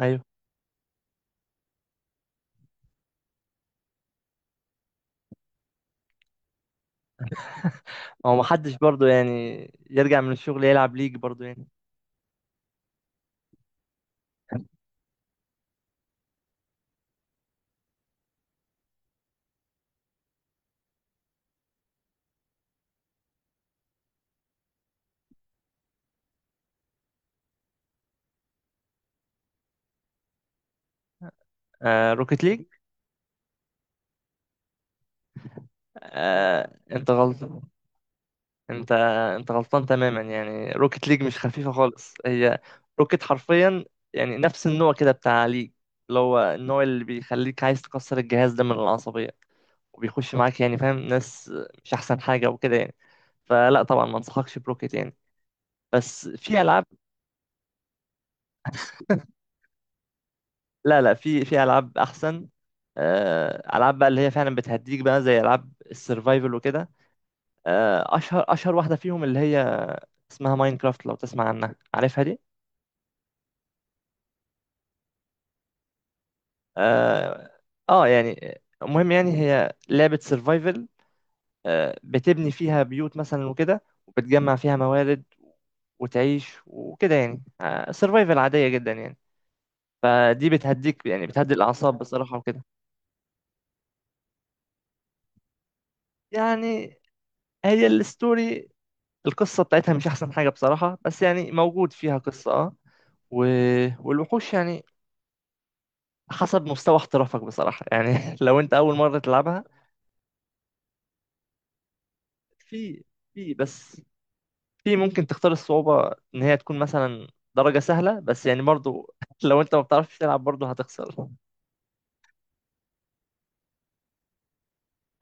ايوه. هو ما حدش برضه يعني يرجع من الشغل يلعب ليج برضه يعني؟ آه، روكيت ليج. آه، انت غلطان. انت انت غلطان تماما يعني. روكيت ليج مش خفيفه خالص هي. روكيت حرفيا يعني نفس النوع كده بتاع ليج، اللي هو النوع اللي بيخليك عايز تكسر الجهاز ده من العصبيه، وبيخش معاك يعني فاهم ناس. مش احسن حاجه وكده يعني. فلا، طبعا ما انصحكش بروكيت يعني. بس في العاب. لا لا، في العاب احسن. آه، العاب بقى اللي هي فعلا بتهديك بقى زي العاب السرفايفل وكده. آه، اشهر واحده فيهم اللي هي اسمها ماينكرافت، لو تسمع عنها، عارفها دي. اه. يعني المهم يعني هي لعبه سرفايفل. بتبني فيها بيوت مثلا وكده، وبتجمع فيها موارد وتعيش وكده يعني. سرفايفل عاديه جدا يعني. فدي بتهديك، يعني بتهدي الاعصاب بصراحه وكده. يعني هي الستوري، القصة بتاعتها مش أحسن حاجة بصراحة، بس يعني موجود فيها قصة اه و... والوحوش، يعني حسب مستوى احترافك بصراحة يعني، لو أنت أول مرة تلعبها. في في بس في ممكن تختار الصعوبة إن هي تكون مثلا درجة سهلة، بس يعني برضو لو أنت ما بتعرفش تلعب برضو هتخسر.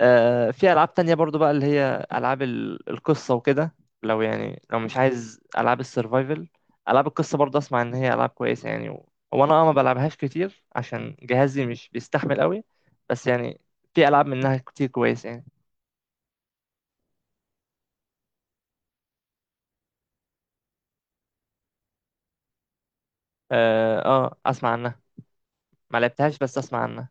آه، في ألعاب تانية برضو بقى اللي هي ألعاب القصة وكده. لو مش عايز ألعاب السرفايفل، ألعاب القصة برضو أسمع إن هي ألعاب كويسة يعني. و... وأنا ما بلعبهاش كتير عشان جهازي مش بيستحمل قوي. بس يعني في ألعاب منها كتير كويسة يعني. أسمع عنها. ما لعبتهاش بس أسمع عنها.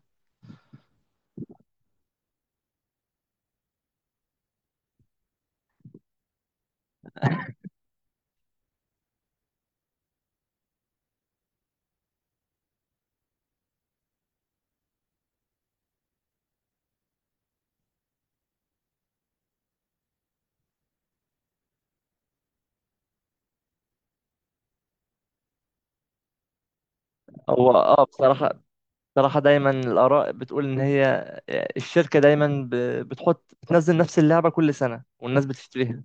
هو بصراحة، بصراحة دايما الآراء بتقول إن هي الشركة دايما ب- بتحط بتنزل نفس اللعبة كل سنة والناس بتشتريها.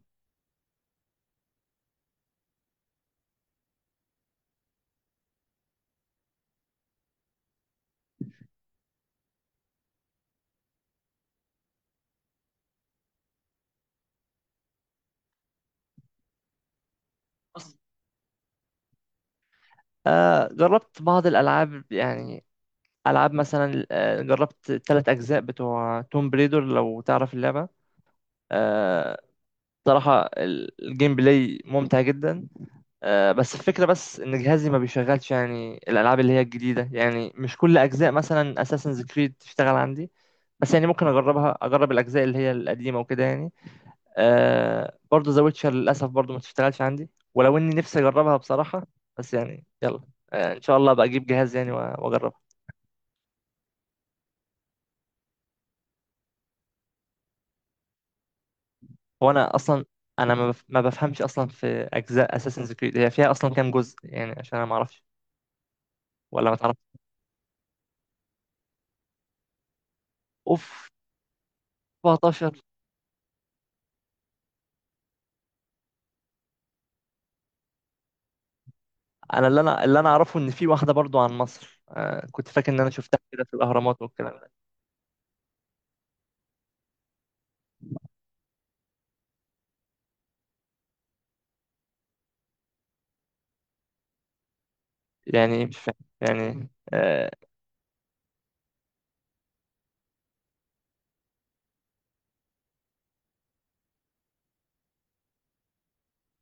آه، جربت بعض الألعاب يعني، ألعاب مثلا، جربت التلات أجزاء بتوع توم بريدر لو تعرف اللعبة. آه. صراحة الجيم بلاي ممتع جدا. آه، بس الفكرة بس إن جهازي ما بيشغلش يعني الألعاب اللي هي الجديدة، يعني مش كل أجزاء مثلا أساسنز كريد تشتغل عندي. بس يعني ممكن أجربها، أجرب الأجزاء اللي هي القديمة وكده يعني. آه، برضه ذا ويتشر للأسف برضه ما تشتغلش عندي، ولو إني نفسي أجربها بصراحة. بس يعني يلا. آه، إن شاء الله أبقى أجيب جهاز يعني، وأجربها. هو أنا أصلا، أنا ما بف- ما بفهمش أصلا في أجزاء أساسنز كريد، هي فيها أصلا كام جزء يعني؟ عشان أنا ما أعرفش ولا ما تعرفش. أوف. 17. أنا أعرفه إن في واحدة برضه عن مصر. كنت فاكر إن أنا شفتها كده في الأهرامات والكلام ده. يعني مش فاهم. يعني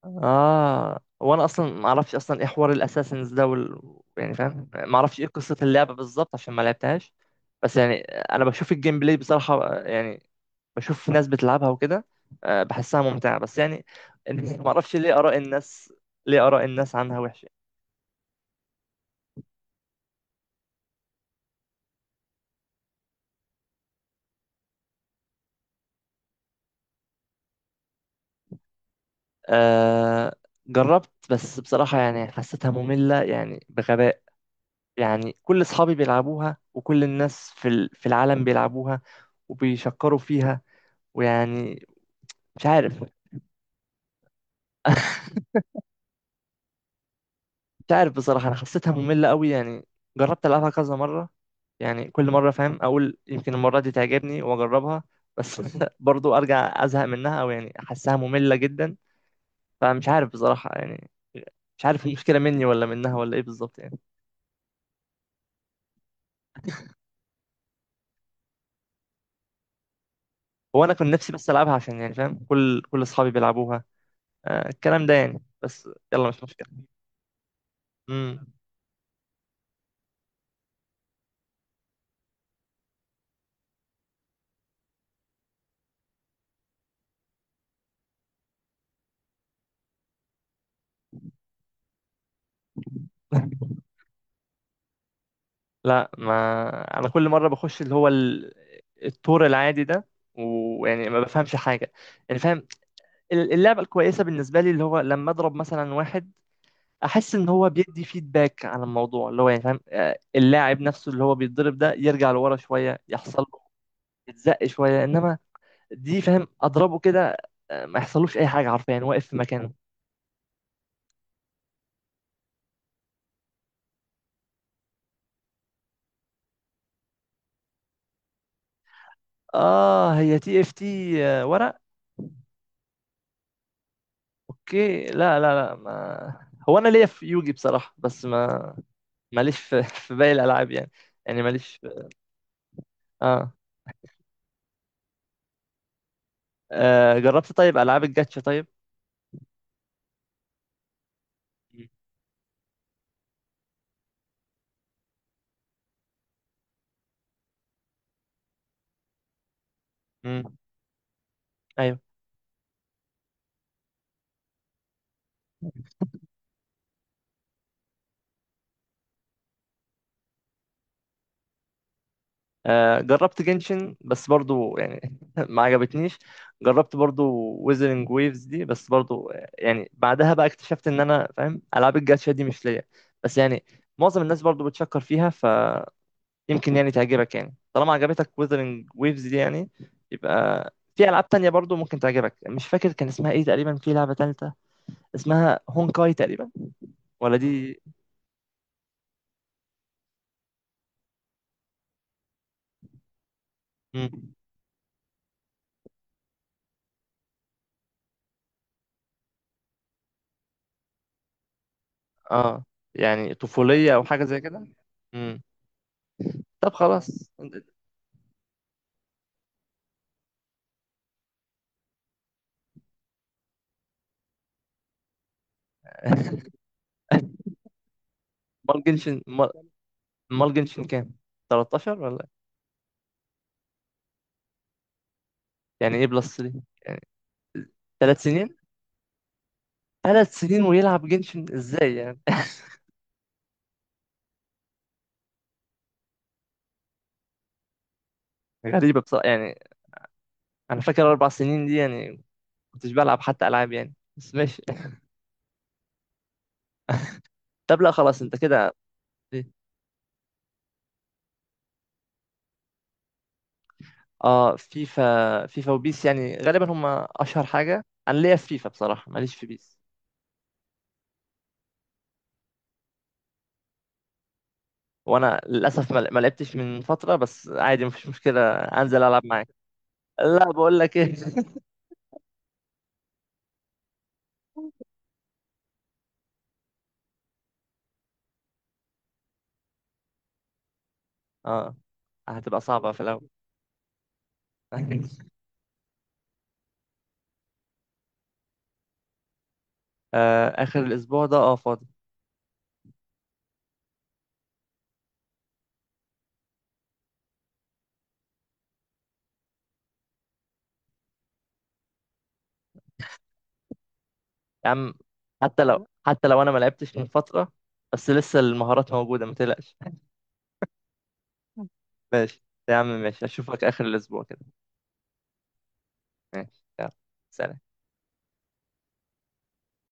اه. وانا اصلا ما اعرفش اصلا ايه حوار الاساسنز ده يعني فاهم، ما اعرفش ايه قصه اللعبه بالظبط عشان ما لعبتهاش. بس يعني انا بشوف الجيم بلاي بصراحه، آه، يعني بشوف ناس بتلعبها وكده. آه، بحسها ممتعه، بس يعني ما اعرفش ليه اراء الناس عنها وحشه. آه، جربت بس بصراحة يعني حسيتها مملة يعني بغباء. يعني كل أصحابي بيلعبوها وكل الناس في العالم بيلعبوها وبيشكروا فيها ويعني. مش عارف مش عارف بصراحة. أنا حسيتها مملة قوي يعني. جربت ألعبها كذا مرة، يعني كل مرة فاهم أقول يمكن المرة دي تعجبني وأجربها، بس برضو أرجع أزهق منها، أو يعني أحسها مملة جدا. فمش عارف بصراحة يعني. مش عارف المشكلة مني ولا منها ولا إيه بالظبط يعني. هو أنا كنت نفسي بس ألعبها عشان يعني فاهم كل أصحابي بيلعبوها، آه الكلام ده يعني. بس يلا، مش مشكلة. مم. لا، ما انا كل مره بخش اللي هو التور العادي ده ويعني ما بفهمش حاجه. يعني فاهم اللعبة الكويسة بالنسبة لي اللي هو لما أضرب مثلا واحد، أحس إن هو بيدي فيدباك على الموضوع، اللي هو يعني فاهم، آه، اللاعب نفسه اللي هو بيتضرب ده يرجع لورا شوية، يحصل له يتزق شوية. إنما دي فاهم أضربه كده، ما يحصلوش أي حاجة حرفيا يعني، واقف في مكانه. آه، هي تي إف تي ورق؟ أوكي. لا لا لا، ما هو أنا ليا في يوجي بصراحة، بس ما ماليش في باقي الألعاب يعني. يعني ماليش في... آه. آه، جربت طيب ألعاب الجاتشا طيب؟ مم. مم. أيوة. آه، جربت جنشن بس برضو يعني ما عجبتنيش. جربت برضو ويزرنج ويفز دي بس برضو، يعني بعدها بقى اكتشفت ان انا فاهم العاب الجاتشا دي مش ليا. بس يعني معظم الناس برضو بتشكر فيها، فيمكن يعني تعجبك، يعني طالما عجبتك ويزرنج ويفز دي يعني يبقى في العاب تانية برضو ممكن تعجبك. مش فاكر كان اسمها ايه تقريبا، في لعبة تالتة اسمها هونكاي تقريبا. ولا دي. مم. اه، يعني طفولية او حاجة زي كده. مم. طب خلاص. مال جنشن مال مال جنشن كام؟ 13 ولا إيه؟ يعني ايه بلس دي؟ 3 سنين. 3 سنين ويلعب جنشن ازاي يعني؟ غريبة بصراحة يعني. انا فاكر 4 سنين دي يعني كنتش بلعب حتى العاب يعني، بس ماشي. طب لا خلاص انت كده. إيه؟ اه، فيفا وبيس يعني غالبا هم اشهر حاجة. انا ليا في فيفا بصراحة، ماليش في بيس. وانا للاسف ما لعبتش من فترة، بس عادي مفيش مشكلة انزل العب معاك. لا، بقول لك ايه. اه، هتبقى صعبة في الاول. آه، اخر الاسبوع ده فاضي. يا عم. حتى لو انا ما لعبتش من فتره، بس لسه المهارات موجوده، ما تقلقش. ماشي يا عم، ماشي، اشوفك اخر الاسبوع كده. ماشي يلا. سلام.